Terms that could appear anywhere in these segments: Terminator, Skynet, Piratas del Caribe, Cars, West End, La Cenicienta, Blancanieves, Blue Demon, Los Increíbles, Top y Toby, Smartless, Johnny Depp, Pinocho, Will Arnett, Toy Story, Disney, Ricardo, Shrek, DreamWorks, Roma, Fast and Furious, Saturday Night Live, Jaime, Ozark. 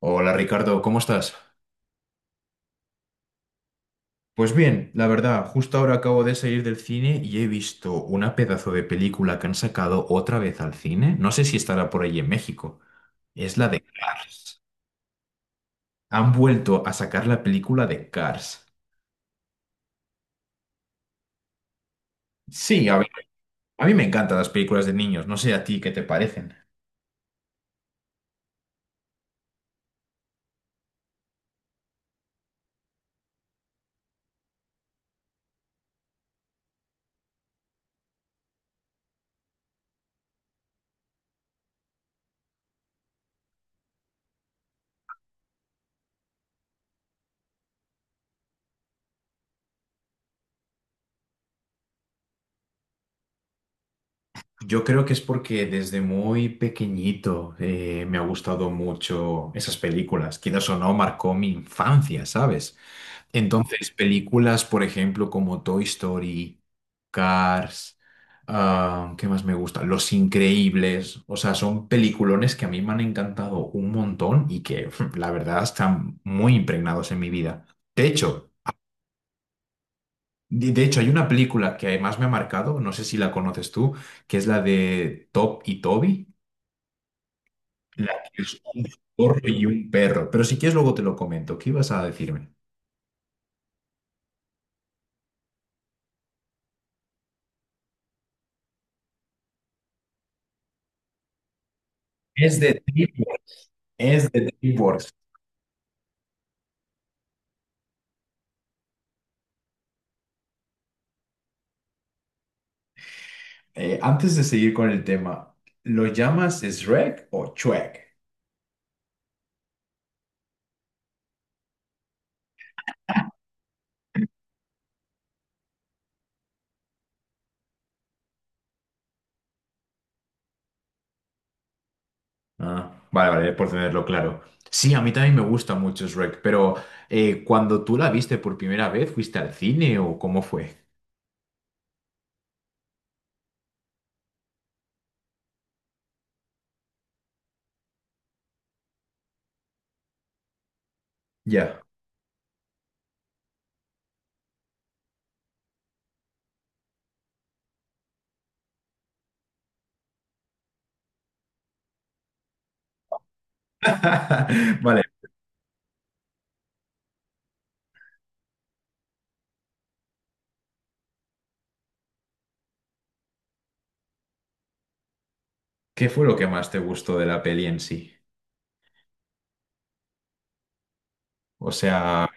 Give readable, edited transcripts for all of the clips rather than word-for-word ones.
Hola Ricardo, ¿cómo estás? Pues bien, la verdad, justo ahora acabo de salir del cine y he visto una pedazo de película que han sacado otra vez al cine. No sé si estará por ahí en México. Es la de Cars. Han vuelto a sacar la película de Cars. Sí, a mí me encantan las películas de niños. No sé a ti qué te parecen. Yo creo que es porque desde muy pequeñito me ha gustado mucho esas películas. Quizás o no, marcó mi infancia, ¿sabes? Entonces, películas, por ejemplo, como Toy Story, Cars, ah, ¿qué más me gusta? Los Increíbles, o sea, son peliculones que a mí me han encantado un montón y que, la verdad, están muy impregnados en mi vida. De hecho, de hecho, hay una película que además me ha marcado, no sé si la conoces tú, que es la de Top y Toby, la que es un zorro y un perro. Pero si quieres, luego te lo comento. ¿Qué ibas a decirme? Es de DreamWorks. Es de DreamWorks. Antes de seguir con el tema, ¿lo llamas Shrek o Shrek? Ah, vale, vale, por tenerlo claro. Sí, a mí también me gusta mucho Shrek, pero cuando tú la viste por primera vez, ¿fuiste al cine o cómo fue? Ya. Vale, ¿qué fue lo que más te gustó de la peli en sí? O sea,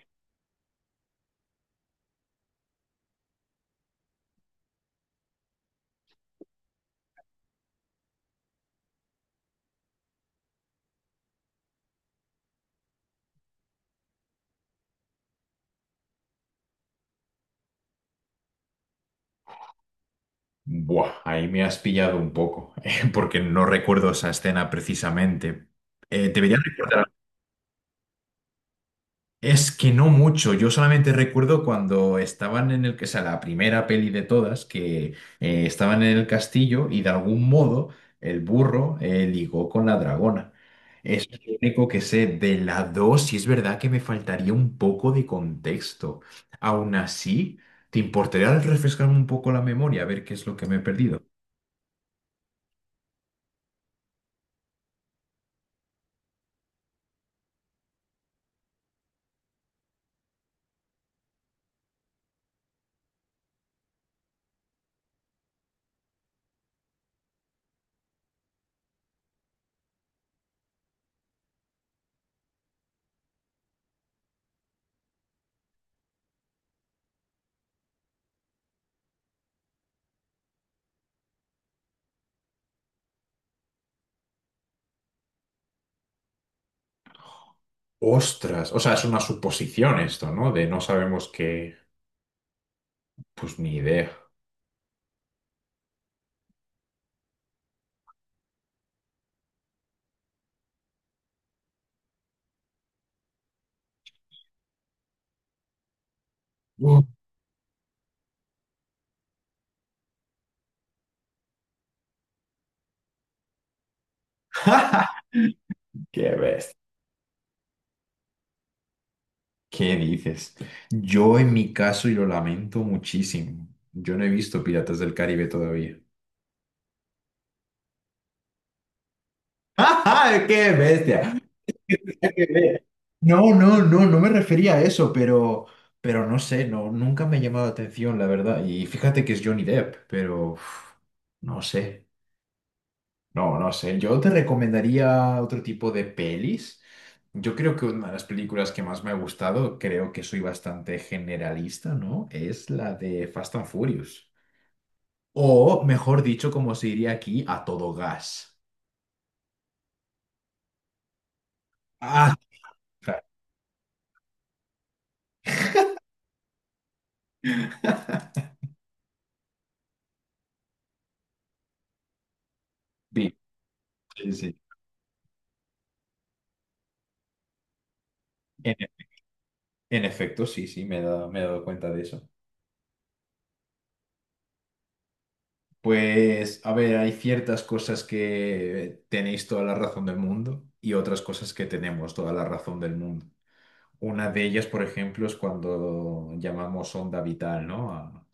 buah, ahí me has pillado un poco, porque no recuerdo esa escena precisamente. Debería recordar. Es que no mucho, yo solamente recuerdo cuando estaban en el, que o sea, la primera peli de todas, que estaban en el castillo y de algún modo el burro ligó con la dragona. Es lo único que sé de la 2 y es verdad que me faltaría un poco de contexto. Aún así, ¿te importaría refrescarme un poco la memoria a ver qué es lo que me he perdido? Ostras, o sea, es una suposición esto, ¿no? De no sabemos qué, pues ni idea. Uh. ¡Qué bestia! ¿Qué dices? Yo en mi caso, y lo lamento muchísimo, yo no he visto Piratas del Caribe todavía. ¡Ah, qué bestia! ¡Qué bestia! No, no, no, me refería a eso, pero no sé, no, nunca me ha llamado la atención, la verdad. Y fíjate que es Johnny Depp, pero uf, no sé, no, no sé. Yo te recomendaría otro tipo de pelis. Yo creo que una de las películas que más me ha gustado, creo que soy bastante generalista, ¿no? Es la de Fast and Furious. O, mejor dicho, como se diría aquí, a todo gas. Ah, claro, sí, sí, sí. En, en efecto, sí, sí, me he dado cuenta de eso. Pues, a ver, hay ciertas cosas que tenéis toda la razón del mundo y otras cosas que tenemos toda la razón del mundo. Una de ellas, por ejemplo, es cuando llamamos onda vital, ¿no? A-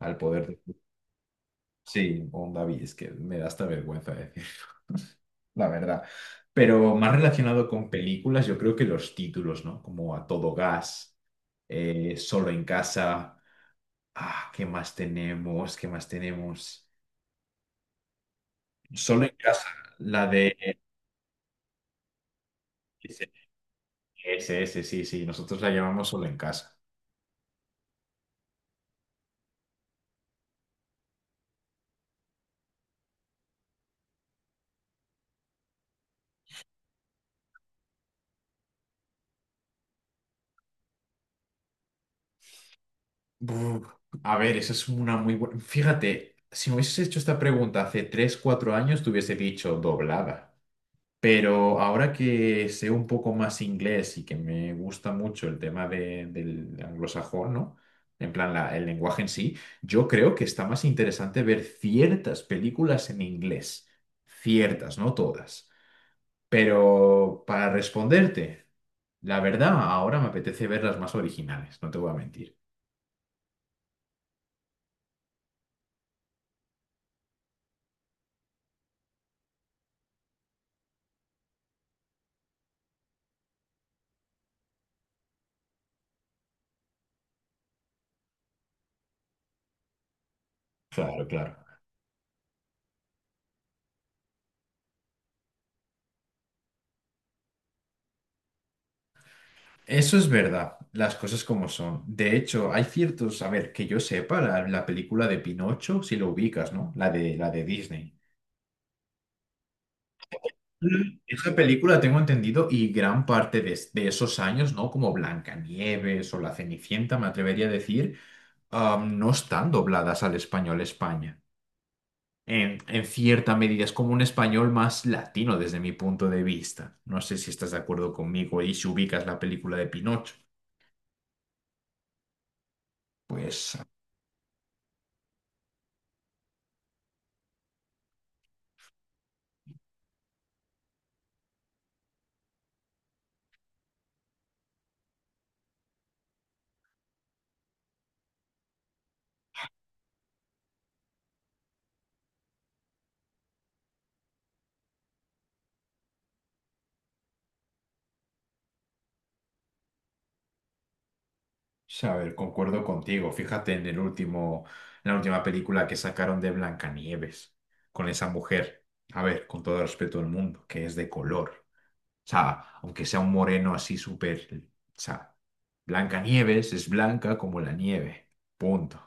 al poder de... Sí, onda vital, es que me da hasta vergüenza decir. La verdad. Pero más relacionado con películas, yo creo que los títulos, ¿no? Como A Todo Gas, Solo en Casa. Ah, ¿qué más tenemos? ¿Qué más tenemos? Solo en Casa, la de sí, sí, nosotros la llamamos Solo en Casa. Buf, a ver, esa es una muy buena. Fíjate, si me hubieses hecho esta pregunta hace 3 4 años, te hubiese dicho doblada. Pero ahora que sé un poco más inglés y que me gusta mucho el tema de- del anglosajón, ¿no? En plan, la- el lenguaje en sí, yo creo que está más interesante ver ciertas películas en inglés. Ciertas, no todas. Pero para responderte, la verdad, ahora me apetece ver las más originales, no te voy a mentir. Claro, claro. Eso es verdad, las cosas como son. De hecho, hay ciertos, a ver, que yo sepa, la película de Pinocho, si lo ubicas, ¿no? La de Disney. Mm. Esa película, tengo entendido, y gran parte de, es- de esos años, ¿no? Como Blancanieves o La Cenicienta, me atrevería a decir, no están dobladas al español España. En cierta medida, es como un español más latino desde mi punto de vista. No sé si estás de acuerdo conmigo y si ubicas la película de Pinocho. Pues sí, a ver, concuerdo contigo. Fíjate en el último, en la última película que sacaron de Blancanieves, con esa mujer, a ver, con todo el respeto del mundo, que es de color. O sea, aunque sea un moreno así súper, o sea, Blancanieves es blanca como la nieve. Punto.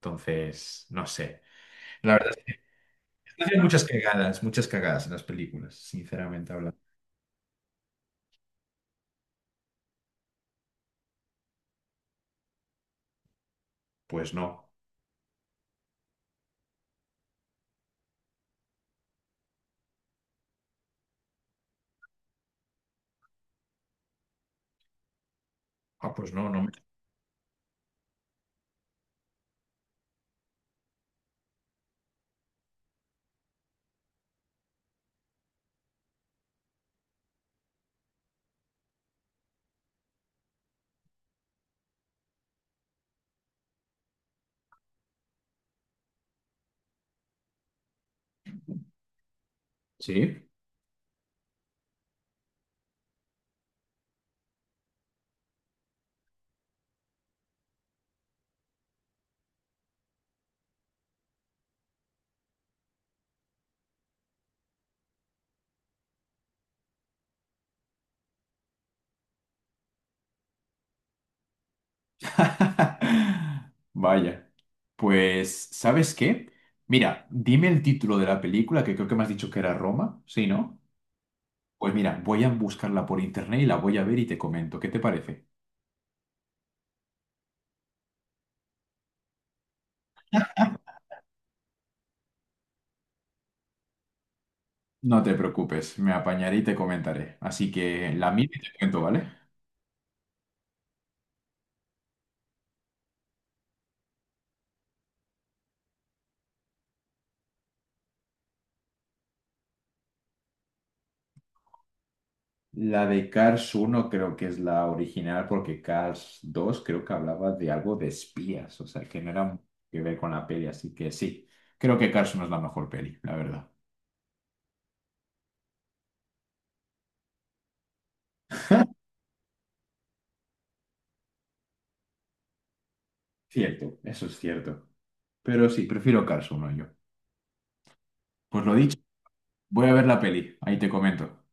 Entonces, no sé. La verdad es que hay muchas cagadas en las películas, sinceramente hablando. Pues no. Ah, pues no, no me. ¿Sí? Vaya. Pues, ¿sabes qué? Mira, dime el título de la película, que creo que me has dicho que era Roma, ¿sí, no? Pues mira, voy a buscarla por internet y la voy a ver y te comento. ¿Qué te parece? No te preocupes, me apañaré y te comentaré. Así que la mía y te cuento, ¿vale? La de Cars uno creo que es la original porque Cars dos creo que hablaba de algo de espías, o sea, que no era que ver con la peli, así que sí, creo que Cars uno es la mejor peli, la verdad. Cierto, eso es cierto. Pero sí, prefiero Cars uno yo. Pues lo dicho, voy a ver la peli, ahí te comento.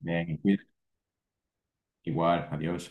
Bien, cuida- Igual, adiós.